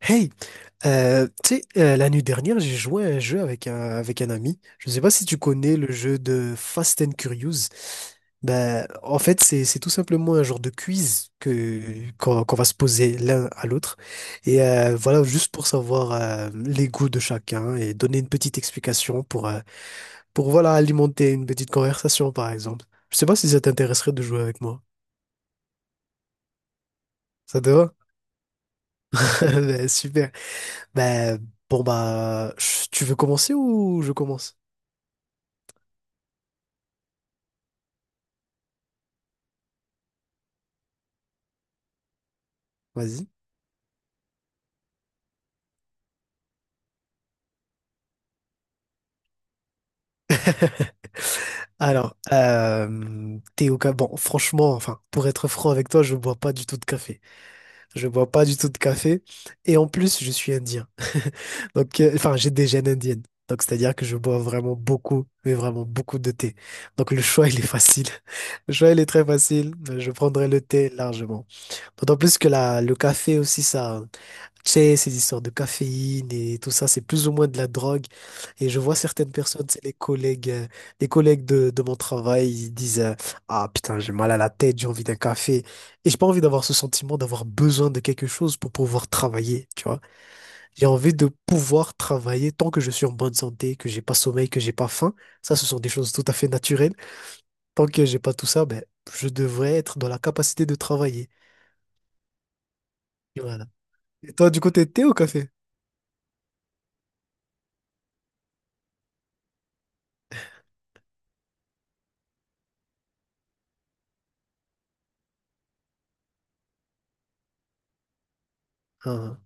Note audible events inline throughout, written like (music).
Hey, tu sais, l'année dernière, j'ai joué à un jeu avec avec un ami. Je ne sais pas si tu connais le jeu de Fast and Curious. Ben, en fait, c'est tout simplement un genre de quiz qu'on va se poser l'un à l'autre. Et voilà, juste pour savoir les goûts de chacun et donner une petite explication pour voilà, alimenter une petite conversation, par exemple. Je ne sais pas si ça t'intéresserait de jouer avec moi. Ça te va? (laughs) Ben, super. Ben, tu veux commencer ou je commence? Vas-y. (laughs) Alors, Bon, franchement, enfin, pour être franc avec toi, je bois pas du tout de café. Je bois pas du tout de café. Et en plus, je suis indien. Donc, enfin, j'ai des gènes indiennes. Donc, c'est-à-dire que je bois vraiment beaucoup, mais vraiment beaucoup de thé. Donc, le choix, il est facile. (laughs) Le choix, il est très facile. Je prendrai le thé largement. D'autant plus que le café aussi, ça. Tu sais, ces histoires de caféine et tout ça, c'est plus ou moins de la drogue. Et je vois certaines personnes, c'est les collègues de mon travail, ils disent ah putain, j'ai mal à la tête, j'ai envie d'un café. Et j'ai pas envie d'avoir ce sentiment d'avoir besoin de quelque chose pour pouvoir travailler, tu vois. J'ai envie de pouvoir travailler tant que je suis en bonne santé, que j'ai pas sommeil, que j'ai pas faim. Ça, ce sont des choses tout à fait naturelles. Tant que j'ai pas tout ça, ben, je devrais être dans la capacité de travailler. Et voilà. Et toi, du côté, t'es au café? Ah.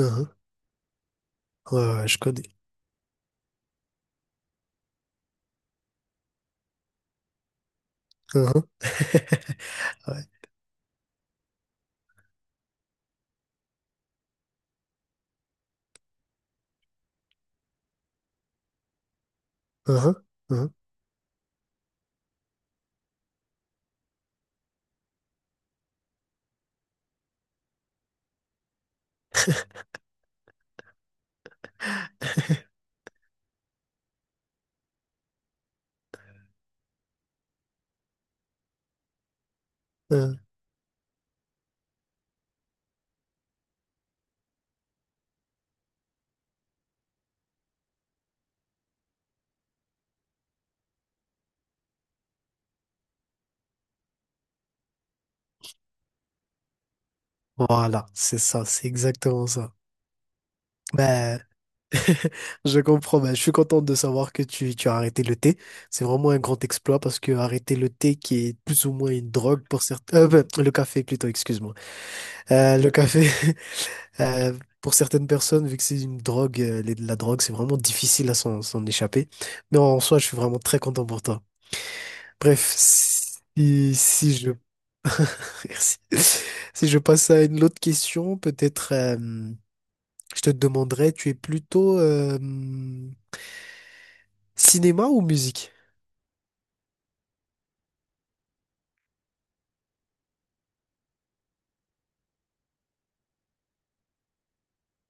Uhum. Ouais, ouais, ouais, je connais. Uhum. Ouais. Uhum. Uhum. Uhum. Voilà, c'est ça, c'est exactement ça. Ben, (laughs) je comprends, ben, je suis content de savoir que tu as arrêté le thé. C'est vraiment un grand exploit parce que arrêter le thé qui est plus ou moins une drogue pour certains... ben, le café plutôt, excuse-moi. Le café, (laughs) euh, pour certaines personnes, vu que c'est une drogue, la drogue, c'est vraiment difficile à s'en échapper. Mais en soi, je suis vraiment très content pour toi. Bref, si je, (laughs) si si je passe à une autre question, peut-être je te demanderais, tu es plutôt cinéma ou musique?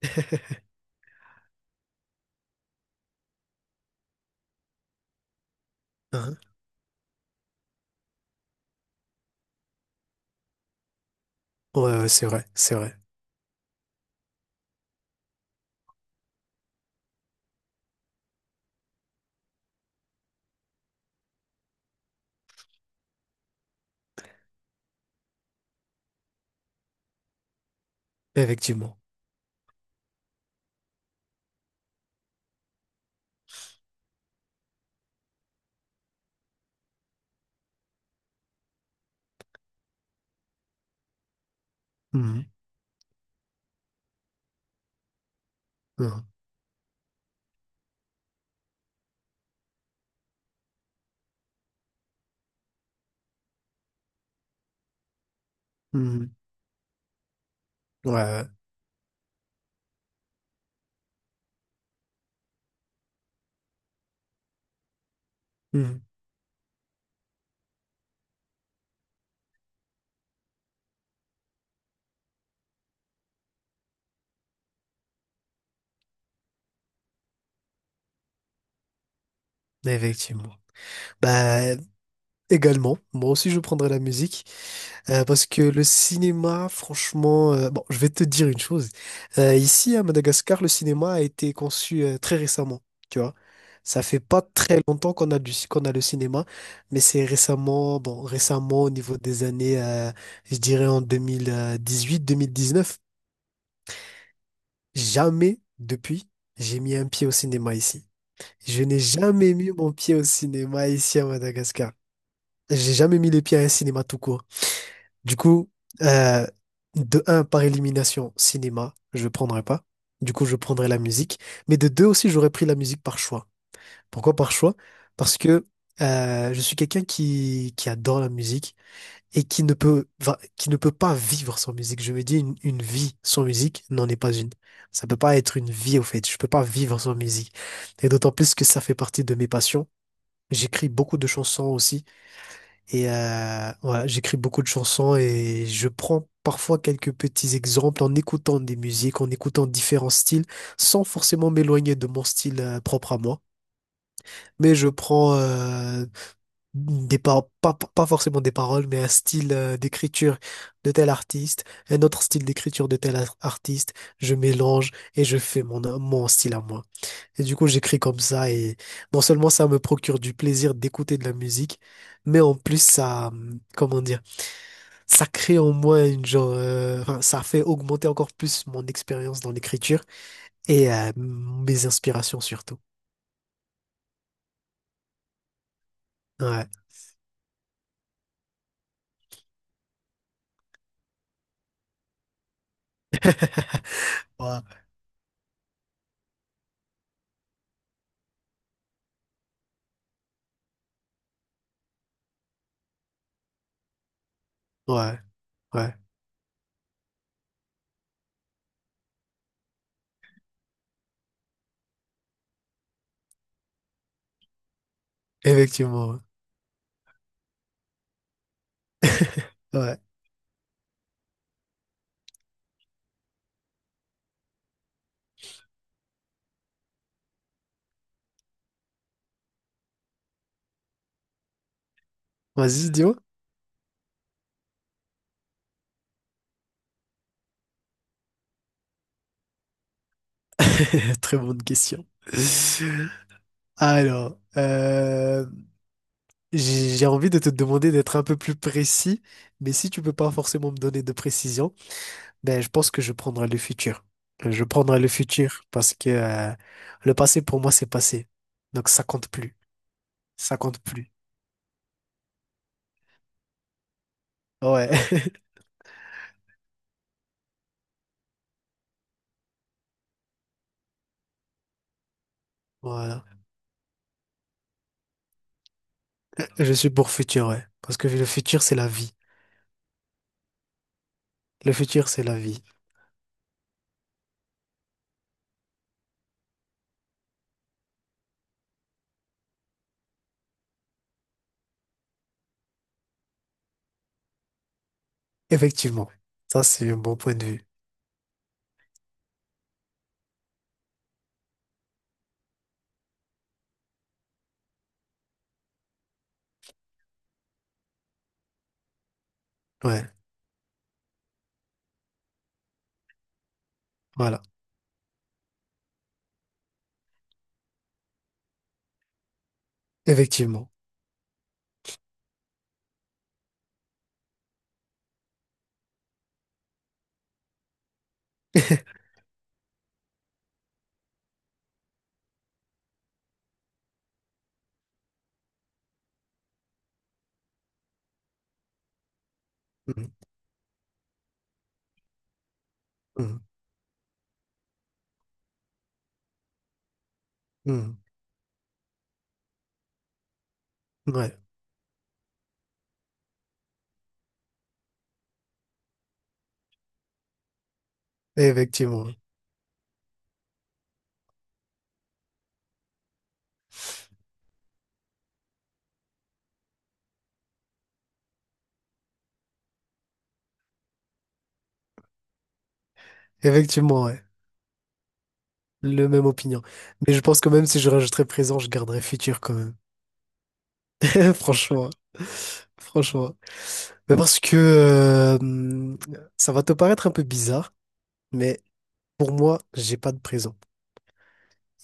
(laughs) Hein. Ouais, ouais, c'est vrai, effectivement. Mhm, mhm, mhm. Ouais, ouais. Mhm. Effectivement. Bah, également, moi aussi je prendrais la musique parce que le cinéma, franchement, bon, je vais te dire une chose. Ici à Madagascar, le cinéma a été conçu très récemment, tu vois. Ça fait pas très longtemps qu'on a le cinéma, mais c'est récemment, bon, récemment au niveau des années, je dirais en 2018-2019. Jamais depuis, j'ai mis un pied au cinéma ici. Je n'ai jamais mis mon pied au cinéma ici à Madagascar. J'ai jamais mis les pieds à un cinéma tout court. Du coup, euh, de un, par élimination, cinéma, je ne prendrais pas. Du coup, je prendrais la musique. Mais de deux aussi, j'aurais pris la musique par choix. Pourquoi par choix? Parce que je suis quelqu'un qui adore la musique et qui ne peut, qui ne peut pas vivre sans musique. Je me dis, une vie sans musique n'en est pas une. Ça peut pas être une vie, au fait. Je peux pas vivre sans musique. Et d'autant plus que ça fait partie de mes passions. J'écris beaucoup de chansons aussi. Et ouais, j'écris beaucoup de chansons et je prends parfois quelques petits exemples en écoutant des musiques, en écoutant différents styles, sans forcément m'éloigner de mon style propre à moi. Mais je prends pas, pas forcément des paroles, mais un style d'écriture de tel artiste, un autre style d'écriture de tel artiste. Je mélange et je fais mon style à moi. Et du coup, j'écris comme ça et non seulement ça me procure du plaisir d'écouter de la musique, mais en plus ça, comment dire? Ça crée en moi une genre, enfin, ça fait augmenter encore plus mon expérience dans l'écriture et mes inspirations surtout. Ouais. (laughs) Ouais, ouais, ouais. Effectivement. Ouais. (laughs) Ouais. Vas-y, dis-moi. (laughs) Très bonne question. Alors, j'ai envie de te demander d'être un peu plus précis, mais si tu peux pas forcément me donner de précision, ben, je pense que je prendrai le futur. Je prendrai le futur parce que le passé pour moi c'est passé. Donc ça compte plus. Ça compte plus. Ouais. (laughs) Voilà. Je suis pour futur, ouais. Parce que le futur c'est la vie. Le futur c'est la vie. Effectivement. Ça c'est un bon point de vue. Ouais. Voilà. Effectivement. (laughs) Mhm. Mhm. Mhm. Ouais. Effectivement. Effectivement, ouais. Le même opinion. Mais je pense que même si je rajouterais présent, je garderais futur quand même. (laughs) Franchement, franchement. Mais parce que ça va te paraître un peu bizarre, mais pour moi, j'ai pas de présent.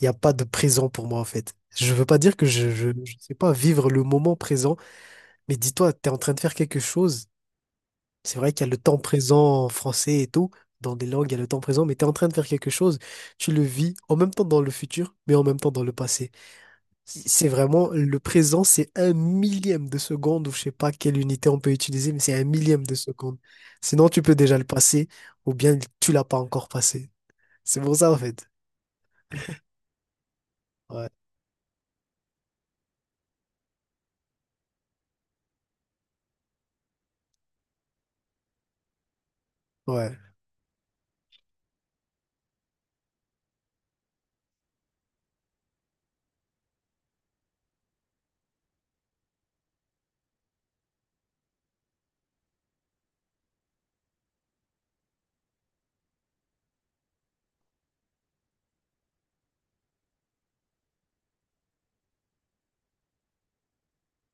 Il n'y a pas de présent pour moi, en fait. Je veux pas dire que je sais pas vivre le moment présent, mais dis-toi, tu es en train de faire quelque chose. C'est vrai qu'il y a le temps présent en français et tout. Dans des langues, il y a le temps présent, mais tu es en train de faire quelque chose. Tu le vis en même temps dans le futur, mais en même temps dans le passé. Si, c'est vraiment le présent, c'est un millième de seconde, ou je sais pas quelle unité on peut utiliser, mais c'est un millième de seconde. Sinon, tu peux déjà le passer, ou bien tu l'as pas encore passé. C'est pour ça, en fait. Ouais, ouais.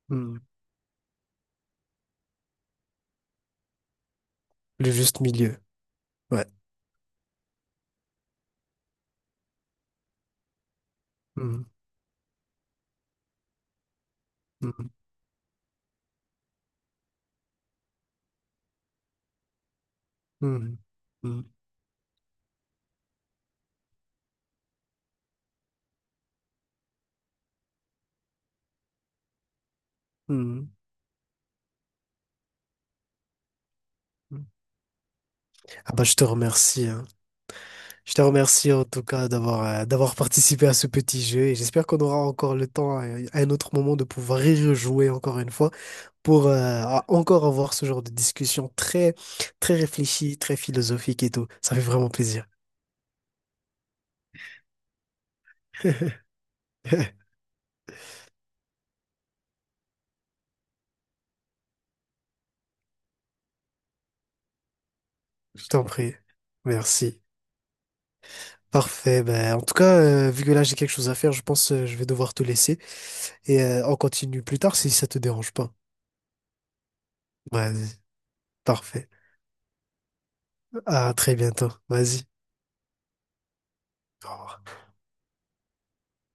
Hmm. Le juste milieu. Ouais. Hmm. Hmm. Hmm. Hmm. Hmm. Hmm. Ah bah, je te remercie, hein. Je te remercie en tout cas d'avoir d'avoir participé à ce petit jeu. Et j'espère qu'on aura encore encore le temps à un autre moment de pouvoir y rejouer encore une fois. Pour encore avoir ce genre de discussion très, très réfléchie, très philosophique et tout. Ça fait vraiment plaisir. (laughs) Je t'en prie. Prie. Merci. Parfait. Ben, en tout cas, vu que là, j'ai quelque chose à faire, je pense que je vais devoir te laisser. Et on continue plus tard si ça te dérange pas. Vas-y. Parfait. À très bientôt. Vas-y. Au revoir.